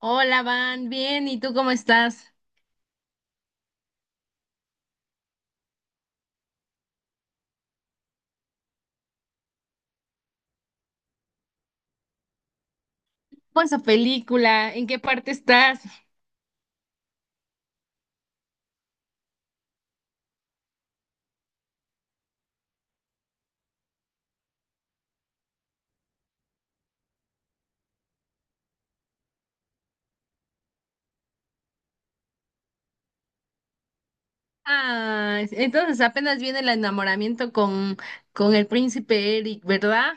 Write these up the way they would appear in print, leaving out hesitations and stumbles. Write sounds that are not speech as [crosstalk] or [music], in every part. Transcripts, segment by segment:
Hola, Van, bien, ¿y tú cómo estás? ¿Cómo es esa película? ¿En qué parte estás? Ah, entonces apenas viene el enamoramiento con el príncipe Eric, ¿verdad?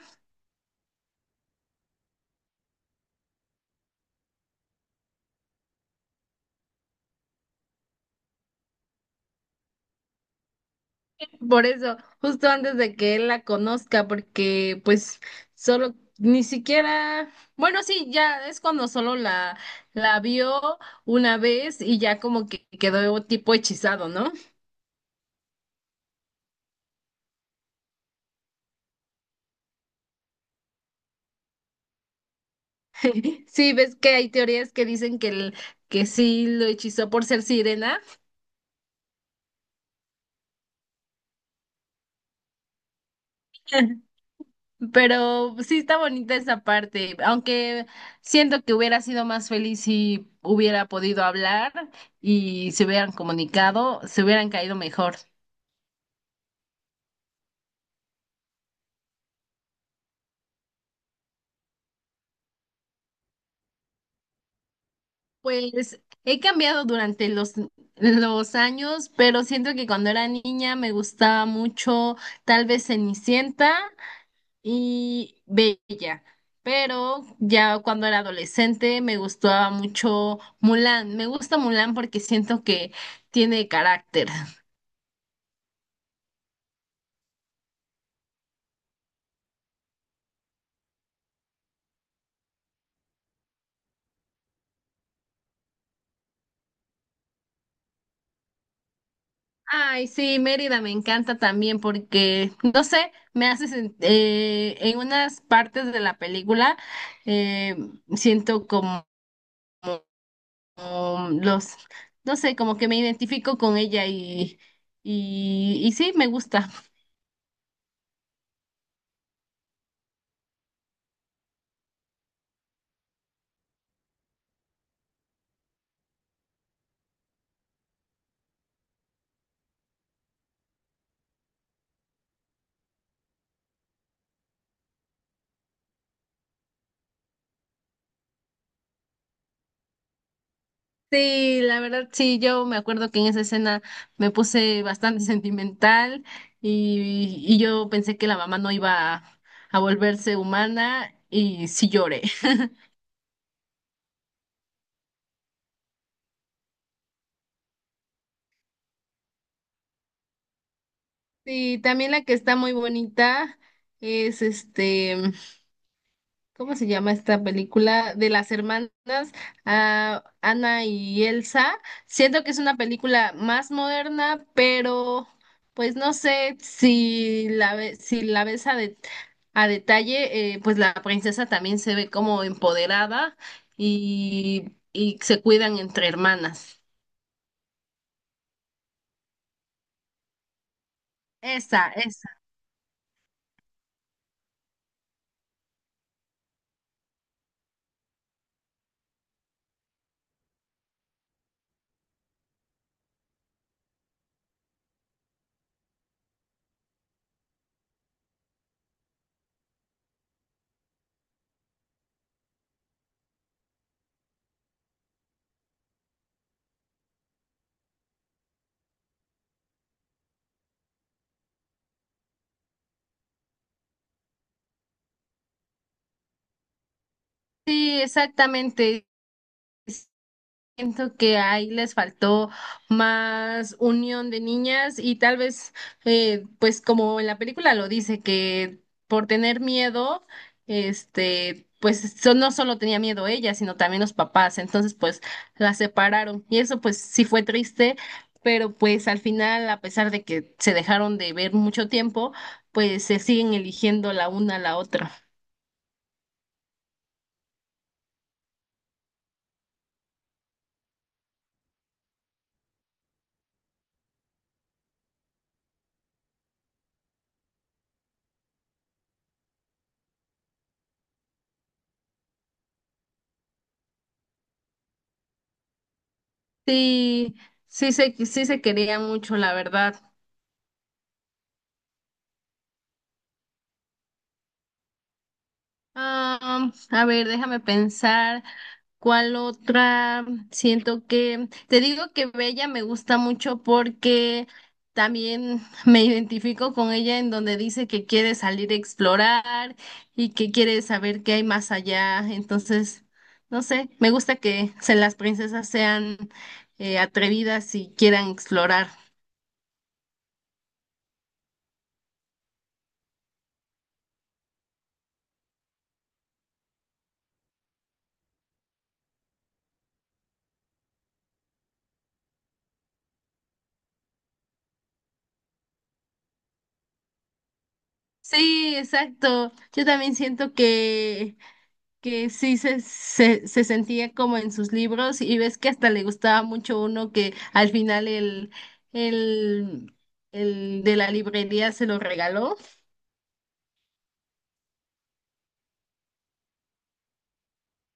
Por eso, justo antes de que él la conozca, porque pues solo, ni siquiera, bueno, sí, ya es cuando solo la vio una vez y ya como que quedó tipo hechizado, ¿no? [laughs] Sí, ves que hay teorías que dicen que sí lo hechizó por ser sirena. [laughs] Pero sí está bonita esa parte, aunque siento que hubiera sido más feliz si hubiera podido hablar y se hubieran comunicado, se hubieran caído mejor. Pues he cambiado durante los años, pero siento que cuando era niña me gustaba mucho tal vez Cenicienta y Bella. Pero ya cuando era adolescente me gustaba mucho Mulan. Me gusta Mulan porque siento que tiene carácter. Ay, sí, Mérida me encanta también porque, no sé, me hace en unas partes de la película eh, siento como, como no sé, como que me identifico con ella y sí, me gusta. Sí, la verdad, sí, yo me acuerdo que en esa escena me puse bastante [laughs] sentimental y yo pensé que la mamá no a volverse humana y sí lloré. Sí, también la que está muy bonita es este, ¿cómo se llama esta película? De las hermanas, ah, Ana y Elsa. Siento que es una película más moderna, pero pues no sé si si la ves a detalle, pues la princesa también se ve como empoderada y se cuidan entre hermanas. Esa, esa. Sí, exactamente. Siento que ahí les faltó más unión de niñas y tal vez, pues como en la película lo dice, que por tener miedo, pues no solo tenía miedo ella, sino también los papás, entonces pues la separaron y eso pues sí fue triste, pero pues al final, a pesar de que se dejaron de ver mucho tiempo, pues se siguen eligiendo la una a la otra. Sí, sí se quería mucho, la verdad. Ah, a ver, déjame pensar cuál otra. Siento que te digo que Bella me gusta mucho porque también me identifico con ella en donde dice que quiere salir a explorar y que quiere saber qué hay más allá. Entonces, no sé, me gusta que las princesas sean atrevidas y quieran explorar. Sí, exacto. Yo también siento que sí se sentía como en sus libros y ves que hasta le gustaba mucho uno que al final el, el de la librería se lo regaló.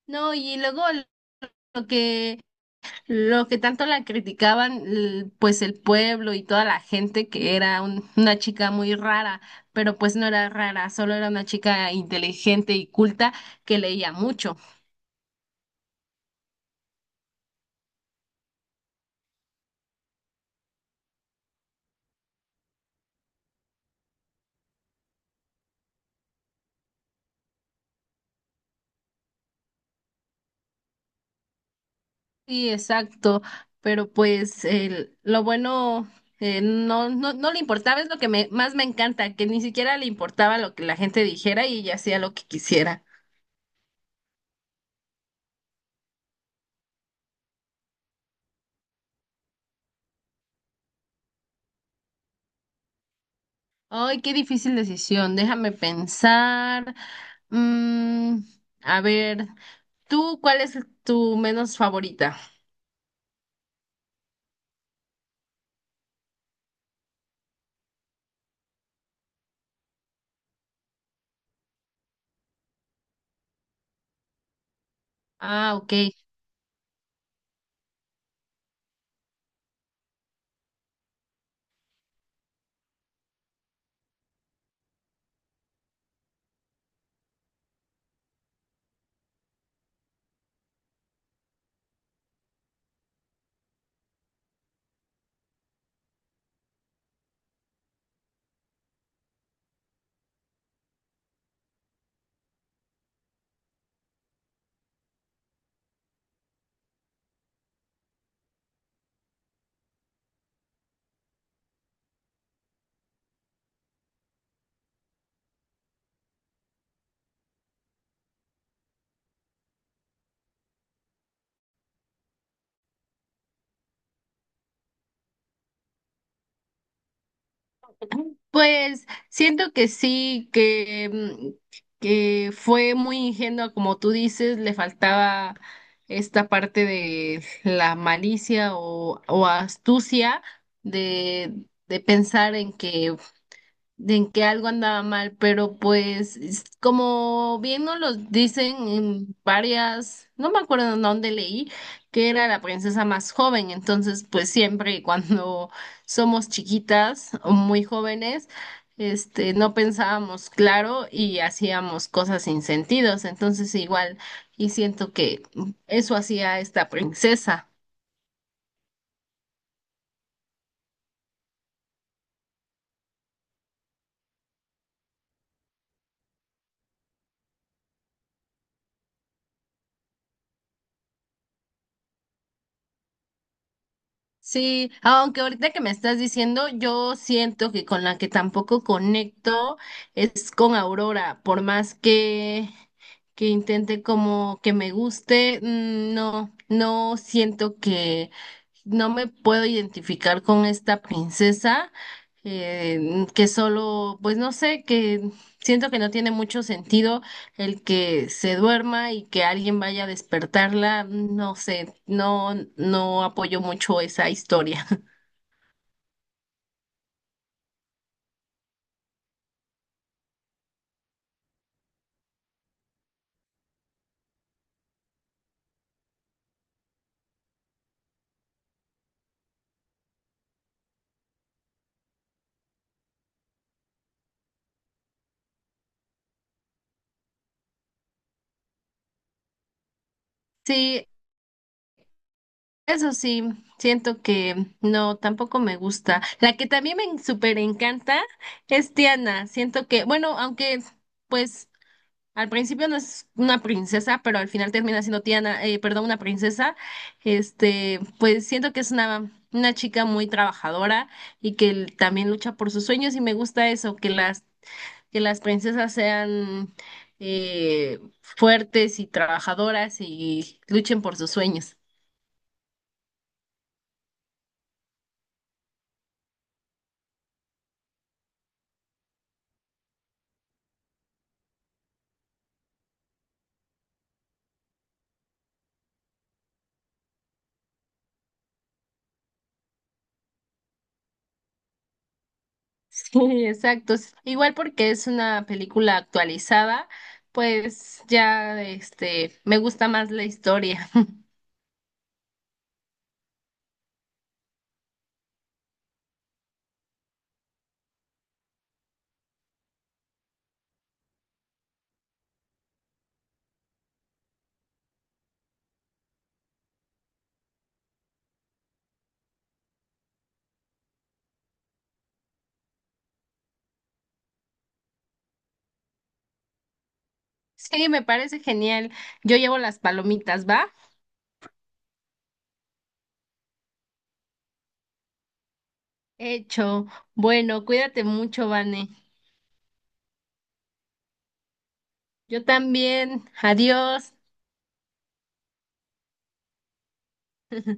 No, y luego lo que, lo que tanto la criticaban, l- pues el pueblo y toda la gente que era una chica muy rara, pero pues no era rara, solo era una chica inteligente y culta que leía mucho. Sí, exacto, pero pues el, lo bueno no, no, no le importaba, es lo que me, más me encanta, que ni siquiera le importaba lo que la gente dijera y ella hacía lo que quisiera. Ay, qué difícil decisión, déjame pensar. Mm, a ver, ¿tú cuál es tu menos favorita? Ah, ok. Pues siento que sí, que fue muy ingenua, como tú dices, le faltaba esta parte de la malicia o astucia de, de pensar en que de en que algo andaba mal, pero pues como bien nos lo dicen en varias, no me acuerdo en dónde leí, que era la princesa más joven, entonces pues siempre cuando [laughs] somos chiquitas o muy jóvenes, no pensábamos claro y hacíamos cosas sin sentidos, entonces igual y siento que eso hacía esta princesa. Sí, aunque ahorita que me estás diciendo, yo siento que con la que tampoco conecto es con Aurora, por más que intente como que me guste, mm, no, no siento que, no me puedo identificar con esta princesa que solo, pues no sé, que siento que no tiene mucho sentido el que se duerma y que alguien vaya a despertarla, no sé, no, no apoyo mucho esa historia. [laughs] Sí, eso sí, siento que no, tampoco me gusta. La que también me súper encanta es Tiana, siento que, bueno, aunque... Pues al principio no es una princesa, pero al final termina siendo Tiana, perdón, una princesa. Este, pues siento que es una chica muy trabajadora y que l- también lucha por sus sueños y me gusta eso, que las princesas sean fuertes y trabajadoras y luchen por sus sueños. [laughs] Sí, exacto. S- Igual porque es una película actualizada, pues ya este, me gusta más la historia. [laughs] Sí, me parece genial. Yo llevo las palomitas, ¿va? Hecho. Bueno, cuídate mucho, Vane. Yo también. Adiós. [laughs]